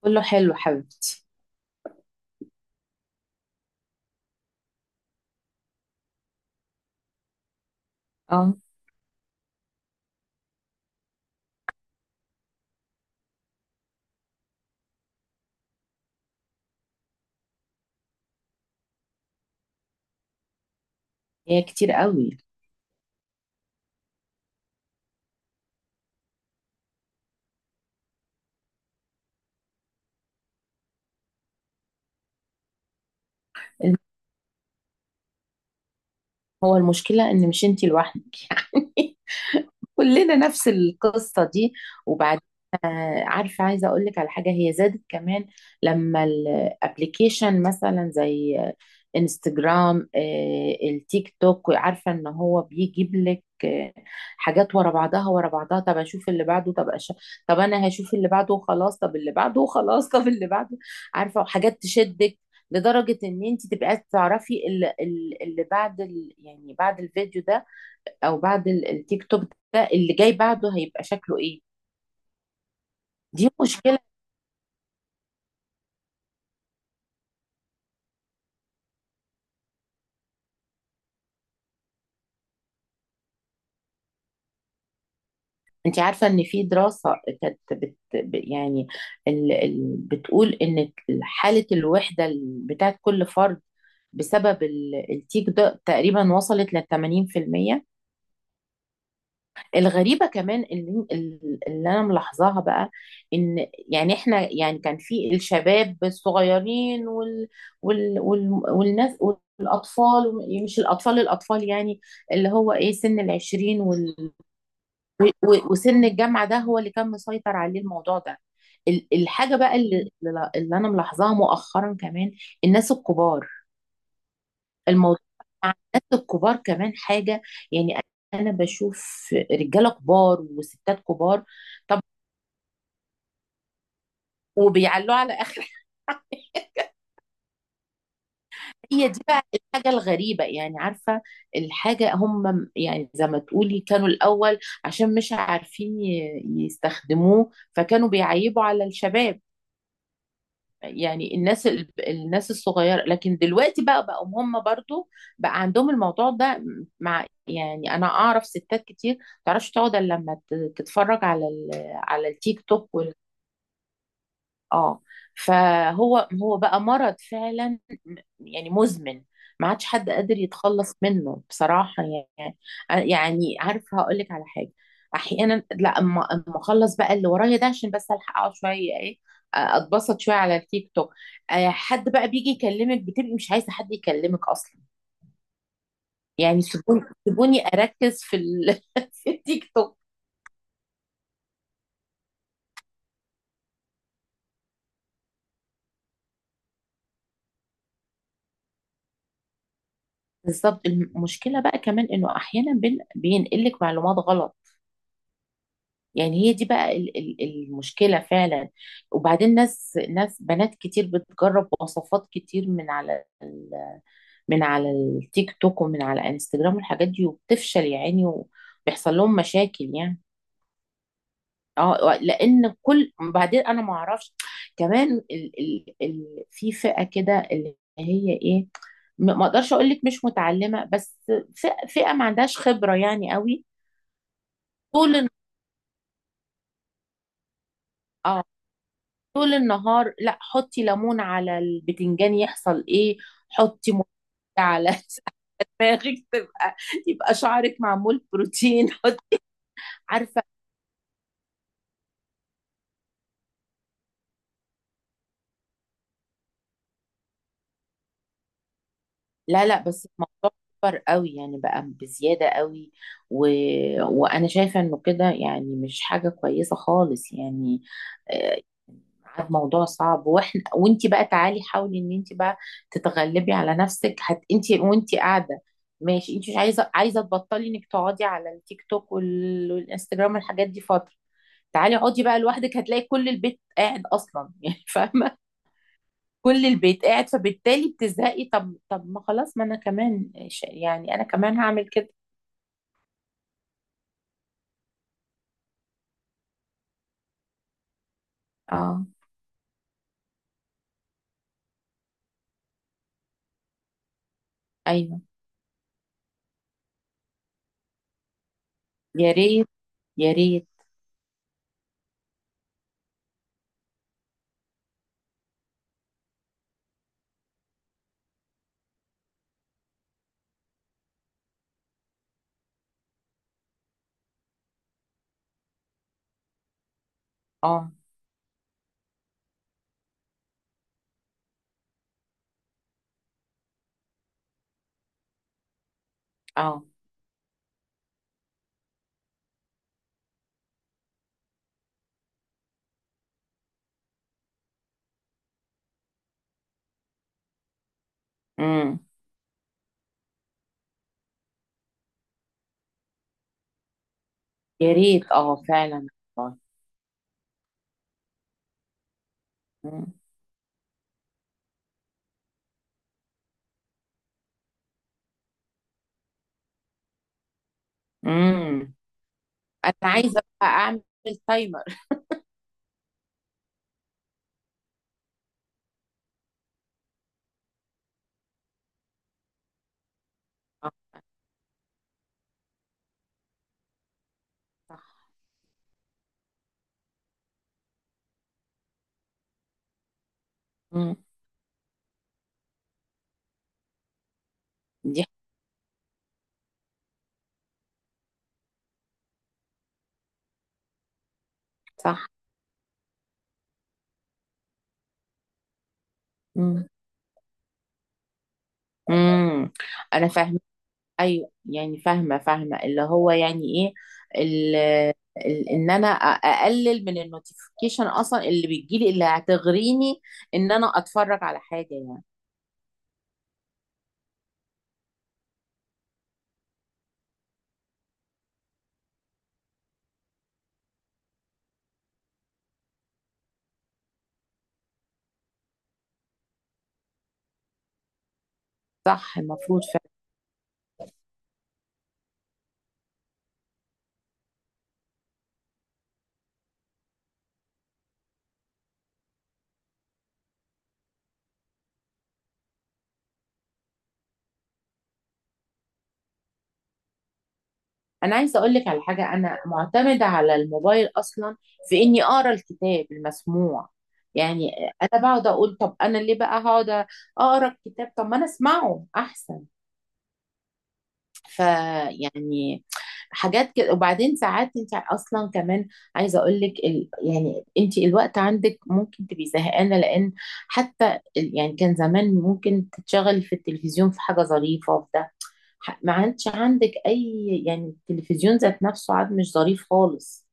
كله حلو حبيبتي. اه، هي كتير قوي. الم- هو المشكلة ان مش انتي لوحدك. يعني كلنا نفس القصة دي. وبعدين عارفة عايزة اقول لك على حاجة هي زادت كمان لما الابليكيشن مثلا زي انستجرام، التيك توك. عارفة ان هو بيجيب لك حاجات ورا بعضها. طب اشوف اللي بعده، طب انا هشوف اللي بعده وخلاص، طب اللي بعده وخلاص، طب اللي بعده. عارفة، وحاجات تشدك لدرجة ان انت تبقى عايزة تعرفي اللي بعد يعني بعد الفيديو ده، او بعد التيك توك ده، اللي جاي بعده هيبقى شكله ايه. دي مشكلة. انت عارفة ان في دراسة كانت يعني بتقول ان حالة الوحدة بتاعت كل فرد بسبب التيك ده تقريبا وصلت ل 80%. الغريبة كمان اللي انا ملاحظاها بقى ان يعني احنا يعني كان في الشباب الصغيرين والناس والاطفال، مش الاطفال الاطفال، يعني اللي هو ايه سن العشرين و- و- وسن الجامعة، ده هو اللي كان مسيطر عليه الموضوع ده. الحاجة بقى اللي أنا ملاحظاها مؤخرا كمان الناس الكبار. الموضوع مع الناس الكبار كمان حاجة، يعني أنا بشوف رجالة كبار وستات كبار. طب وبيعلوا على آخر حاجة. هي دي بقى الحاجة الغريبة، يعني عارفة الحاجة، هم يعني زي ما تقولي كانوا الأول عشان مش عارفين يستخدموه فكانوا بيعيبوا على الشباب، يعني الناس الناس الصغيرة، لكن دلوقتي بقى بقوا هم برضو بقى عندهم الموضوع ده. مع يعني انا اعرف ستات كتير ما تعرفش تقعد الا لما تتفرج على على التيك توك. اه، فهو بقى مرض فعلا، يعني مزمن. ما عادش حد قادر يتخلص منه بصراحة. يعني يعني عارفة هقول لك على حاجة، احيانا لا أما اخلص بقى اللي ورايا ده عشان بس الحق اقعد شوية ايه، اتبسط شوية على التيك توك. حد بقى بيجي يكلمك بتبقي مش عايزة حد يكلمك اصلا. يعني سيبوني اركز في في التيك توك. بالظبط، المشكلة بقى كمان انه احيانا بينقلك معلومات غلط. يعني هي دي بقى المشكلة فعلا. وبعدين ناس بنات كتير بتجرب وصفات كتير من على من على التيك توك ومن على انستجرام والحاجات دي، وبتفشل يا عيني وبيحصل لهم مشاكل يعني. اه لان كل بعدين انا ما اعرفش كمان ال في فئة كده اللي هي ايه، ما اقدرش اقول لك مش متعلمة، بس فئة ما عندهاش خبرة يعني قوي. طول اه طول النهار لا، حطي ليمون على البتنجان يحصل ايه، حطي ميه على دماغك، تبقى يبقى شعرك معمول بروتين، حط عارفه. لا لا، بس الموضوع كبر قوي يعني، بقى بزياده قوي. و... وانا شايفه انه كده يعني مش حاجه كويسه خالص يعني. عاد موضوع صعب، واحنا وانت بقى تعالي حاولي ان انت بقى تتغلبي على نفسك، هت انت وانت قاعده ماشي، انت مش عايزه تبطلي انك تقعدي على التيك توك والانستجرام والحاجات دي فتره، تعالي اقعدي بقى لوحدك، هتلاقي كل البيت قاعد اصلا يعني فاهمه، كل البيت قاعد فبالتالي بتزهقي. طب ما خلاص، ما انا كمان يعني انا كمان هعمل كده. اه، ايوه. يا ريت يا ريت. اه اه، امم. يا ريت، اه فعلا، والله. امم، امم، انا عايزه بقى اعمل تايمر. آه، صح. مم. دي صح. مم. مم. انا فاهمه، ايوه يعني فاهمه اللي هو يعني ايه ال ان انا اقلل من النوتيفيكيشن اصلا اللي بتجيلي اللي هتغريني ان انا اتفرج على حاجه يعني. صح المفروض. انا عايزه اقول لك على حاجه، انا معتمده على الموبايل اصلا في اني اقرا الكتاب المسموع، يعني انا بقعد اقول طب انا ليه بقى هقعد اقرا الكتاب، طب ما انا اسمعه احسن. فيعني حاجات كده. وبعدين ساعات انت اصلا كمان عايزه اقول لك يعني انت الوقت عندك ممكن تبقي زهقانه، لان حتى يعني كان زمان ممكن تتشغلي في التلفزيون في حاجه ظريفه في ده، ما عادش عندك اي يعني، التلفزيون ذات نفسه عاد مش ظريف خالص.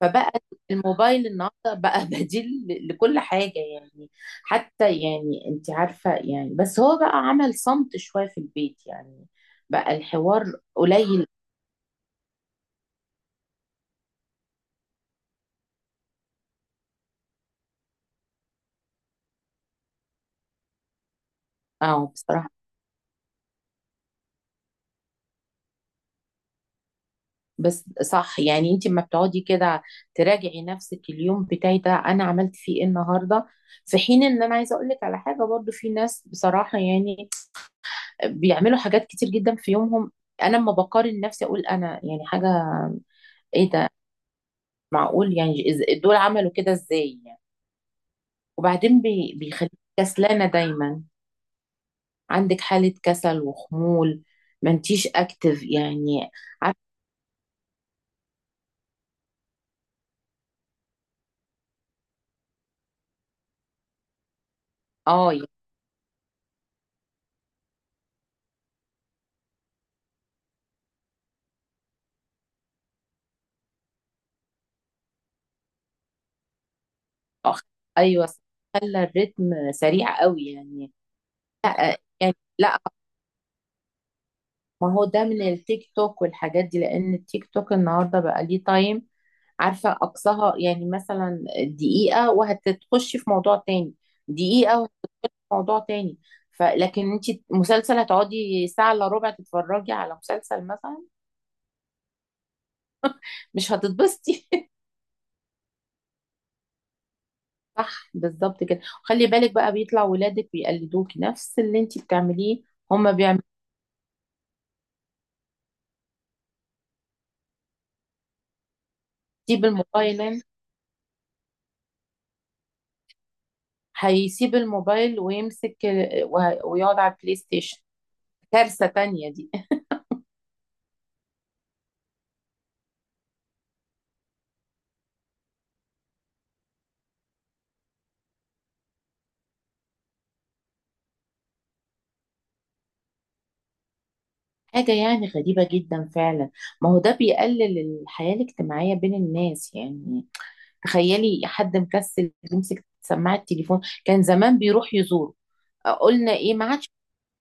فبقى الموبايل النهارده بقى بديل لكل حاجه يعني. حتى يعني انت عارفه يعني، بس هو بقى عمل صمت شويه في البيت، يعني بقى الحوار قليل. اه بصراحه. بس صح يعني، انت لما بتقعدي كده تراجعي نفسك اليوم بتاعي ده انا عملت فيه ايه النهارده. في حين ان انا عايزه اقول لك على حاجه، برضو في ناس بصراحه يعني بيعملوا حاجات كتير جدا في يومهم. انا لما بقارن نفسي اقول انا يعني حاجه ايه ده، معقول، يعني دول عملوا كده ازاي يعني. وبعدين بيخليك كسلانه دايما، عندك حاله كسل وخمول، ما انتيش اكتف يعني. عارف- اه، يعني آه، ايوه، خلى الريتم سريع قوي يعني. لا يعني لا، ما هو ده من التيك توك والحاجات دي، لان التيك توك النهارده بقى ليه تايم، عارفة أقصاها يعني مثلا دقيقة وهتخشي في موضوع تاني، دقيقة وهت- موضوع تاني. فلكن انت مسلسل هتقعدي ساعة الا ربع تتفرجي على مسلسل مثلا، مش هتتبسطي. صح، بالظبط كده. خلي بالك بقى بيطلع ولادك بيقلدوكي نفس اللي انت بتعمليه، هما بيعملوا يسيب الموبايل هنا، هيسيب الموبايل ويمسك ويقعد على البلاي ستيشن، كارثة تانية دي. حاجة يعني غريبة جدا فعلا. ما هو ده بيقلل الحياة الاجتماعية بين الناس يعني. تخيلي حد مكسل يمسك سماعة التليفون، كان زمان بيروح يزور، قلنا ايه ما عادش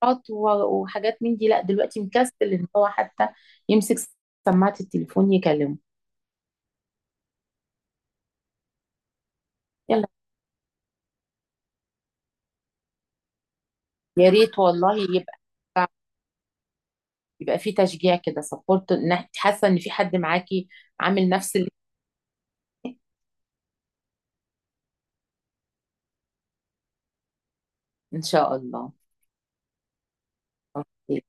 حاجات وحاجات من دي، لا دلوقتي مكسل ان هو حتى يمسك سماعة التليفون يكلمه. يلا، يا ريت والله، يبقى في تشجيع كده سبورت، حاسة ان في حد معاكي عامل نفس اللي، ان شاء الله. أوكي.